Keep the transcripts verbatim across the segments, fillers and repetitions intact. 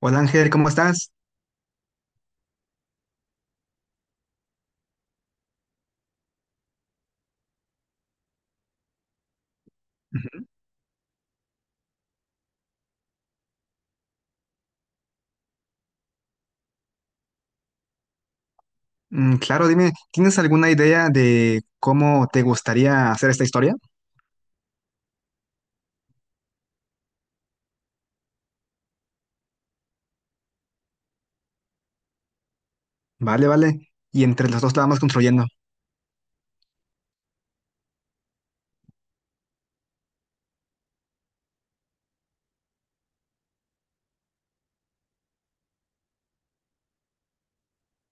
Hola Ángel, ¿cómo estás? Ujú. Mm, claro, dime, ¿tienes alguna idea de cómo te gustaría hacer esta historia? Vale, vale. Y entre los dos la vamos construyendo.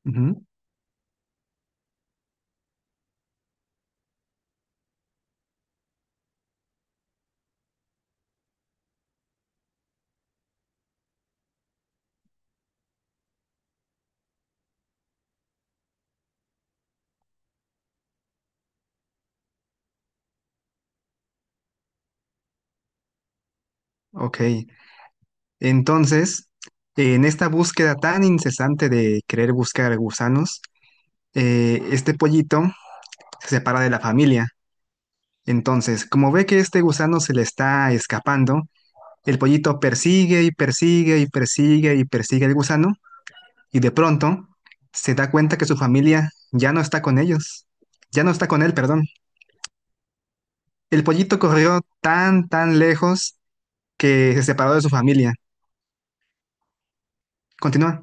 Ujú. Ok, entonces, en esta búsqueda tan incesante de querer buscar gusanos, eh, este pollito se separa de la familia. Entonces, como ve que este gusano se le está escapando, el pollito persigue y persigue y persigue y persigue al gusano y de pronto se da cuenta que su familia ya no está con ellos, ya no está con él, perdón. El pollito corrió tan, tan lejos que se separó de su familia. Continúa.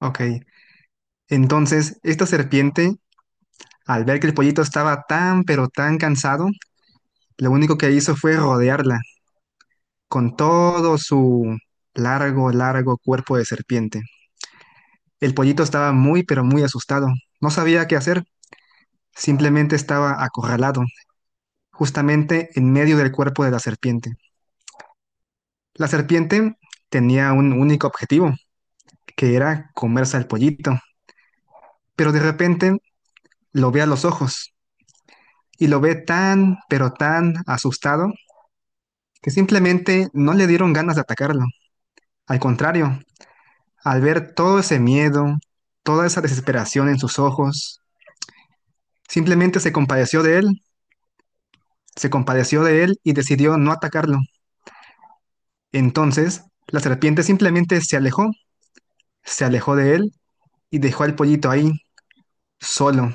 Ok, entonces, esta serpiente, al ver que el pollito estaba tan, pero tan cansado, lo único que hizo fue rodearla con todo su largo, largo cuerpo de serpiente. El pollito estaba muy, pero muy asustado. No sabía qué hacer. Simplemente estaba acorralado, justamente en medio del cuerpo de la serpiente. La serpiente tenía un único objetivo, que era comerse al pollito, pero de repente lo ve a los ojos y lo ve tan, pero tan asustado, que simplemente no le dieron ganas de atacarlo. Al contrario, al ver todo ese miedo, toda esa desesperación en sus ojos, simplemente se compadeció de él, se compadeció de él y decidió no atacarlo. Entonces, la serpiente simplemente se alejó, se alejó de él y dejó al pollito ahí, solo.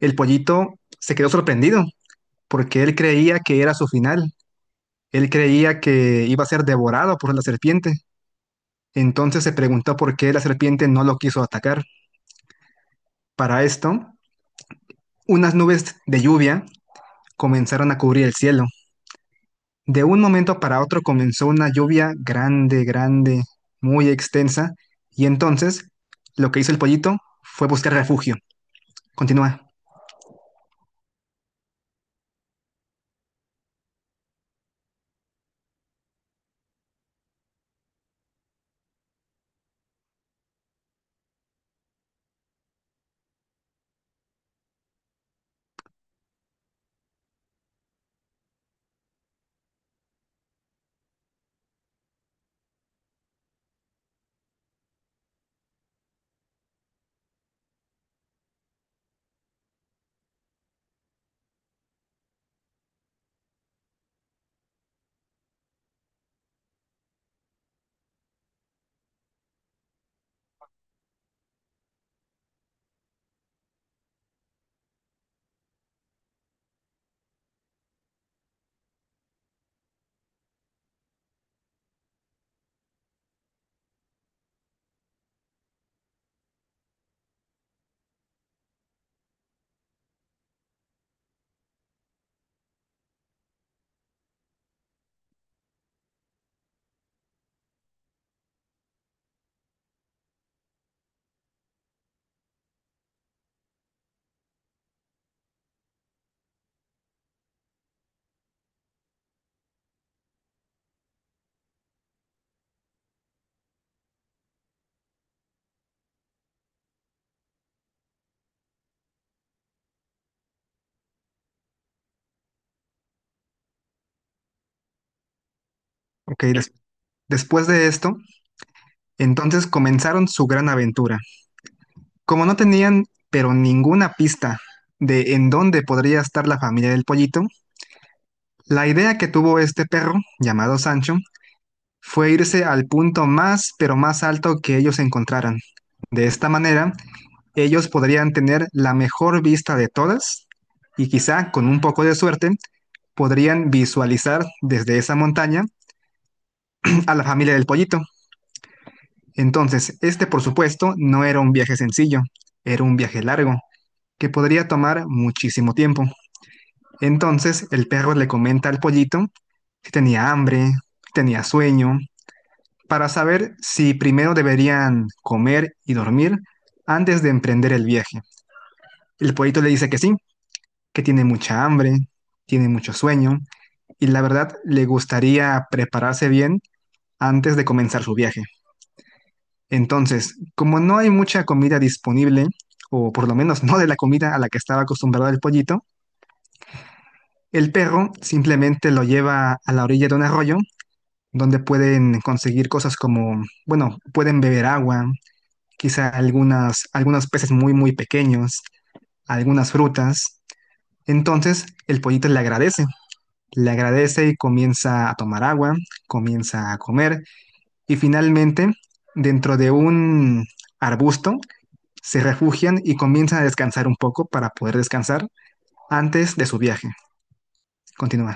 El pollito se quedó sorprendido porque él creía que era su final. Él creía que iba a ser devorado por la serpiente. Entonces se preguntó por qué la serpiente no lo quiso atacar. Para esto, unas nubes de lluvia comenzaron a cubrir el cielo. De un momento para otro comenzó una lluvia grande, grande, muy extensa. Y entonces lo que hizo el pollito fue buscar refugio. Continúa. Ok, des- después de esto, entonces comenzaron su gran aventura. Como no tenían, pero ninguna pista de en dónde podría estar la familia del pollito, la idea que tuvo este perro, llamado Sancho, fue irse al punto más, pero más alto que ellos encontraran. De esta manera, ellos podrían tener la mejor vista de todas y quizá con un poco de suerte podrían visualizar desde esa montaña a la familia del pollito. Entonces, este por supuesto no era un viaje sencillo, era un viaje largo, que podría tomar muchísimo tiempo. Entonces el perro le comenta al pollito si tenía hambre, si tenía sueño, para saber si primero deberían comer y dormir antes de emprender el viaje. El pollito le dice que sí, que tiene mucha hambre, tiene mucho sueño y la verdad le gustaría prepararse bien antes de comenzar su viaje. Entonces, como no hay mucha comida disponible, o por lo menos no de la comida a la que estaba acostumbrado el pollito, el perro simplemente lo lleva a la orilla de un arroyo donde pueden conseguir cosas como, bueno, pueden beber agua, quizá algunas, algunos peces muy, muy pequeños, algunas frutas. Entonces el pollito le agradece, le agradece y comienza a tomar agua, comienza a comer y finalmente dentro de un arbusto se refugian y comienzan a descansar un poco para poder descansar antes de su viaje. Continúa.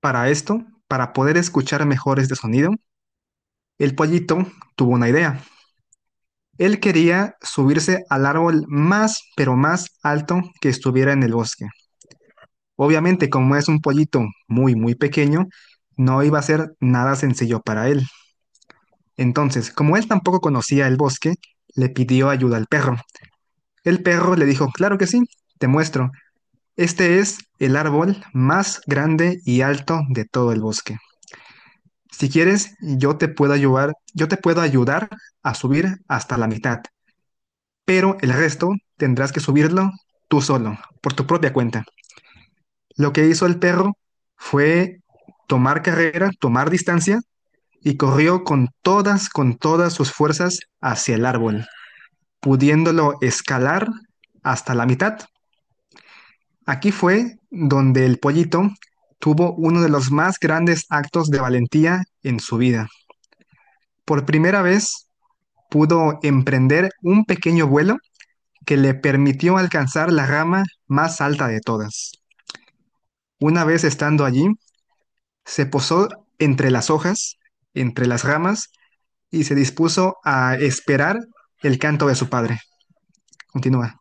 Para esto, para poder escuchar mejor este sonido, el pollito tuvo una idea. Él quería subirse al árbol más, pero más alto que estuviera en el bosque. Obviamente, como es un pollito muy, muy pequeño, no iba a ser nada sencillo para él. Entonces, como él tampoco conocía el bosque, le pidió ayuda al perro. El perro le dijo, claro que sí, te muestro. Este es el árbol más grande y alto de todo el bosque. Si quieres, yo te puedo ayudar, yo te puedo ayudar a subir hasta la mitad, pero el resto tendrás que subirlo tú solo, por tu propia cuenta. Lo que hizo el perro fue tomar carrera, tomar distancia y corrió con todas, con todas sus fuerzas hacia el árbol, pudiéndolo escalar hasta la mitad. Aquí fue donde el pollito tuvo uno de los más grandes actos de valentía en su vida. Por primera vez, pudo emprender un pequeño vuelo que le permitió alcanzar la rama más alta de todas. Una vez estando allí, se posó entre las hojas, entre las ramas, y se dispuso a esperar el canto de su padre. Continúa.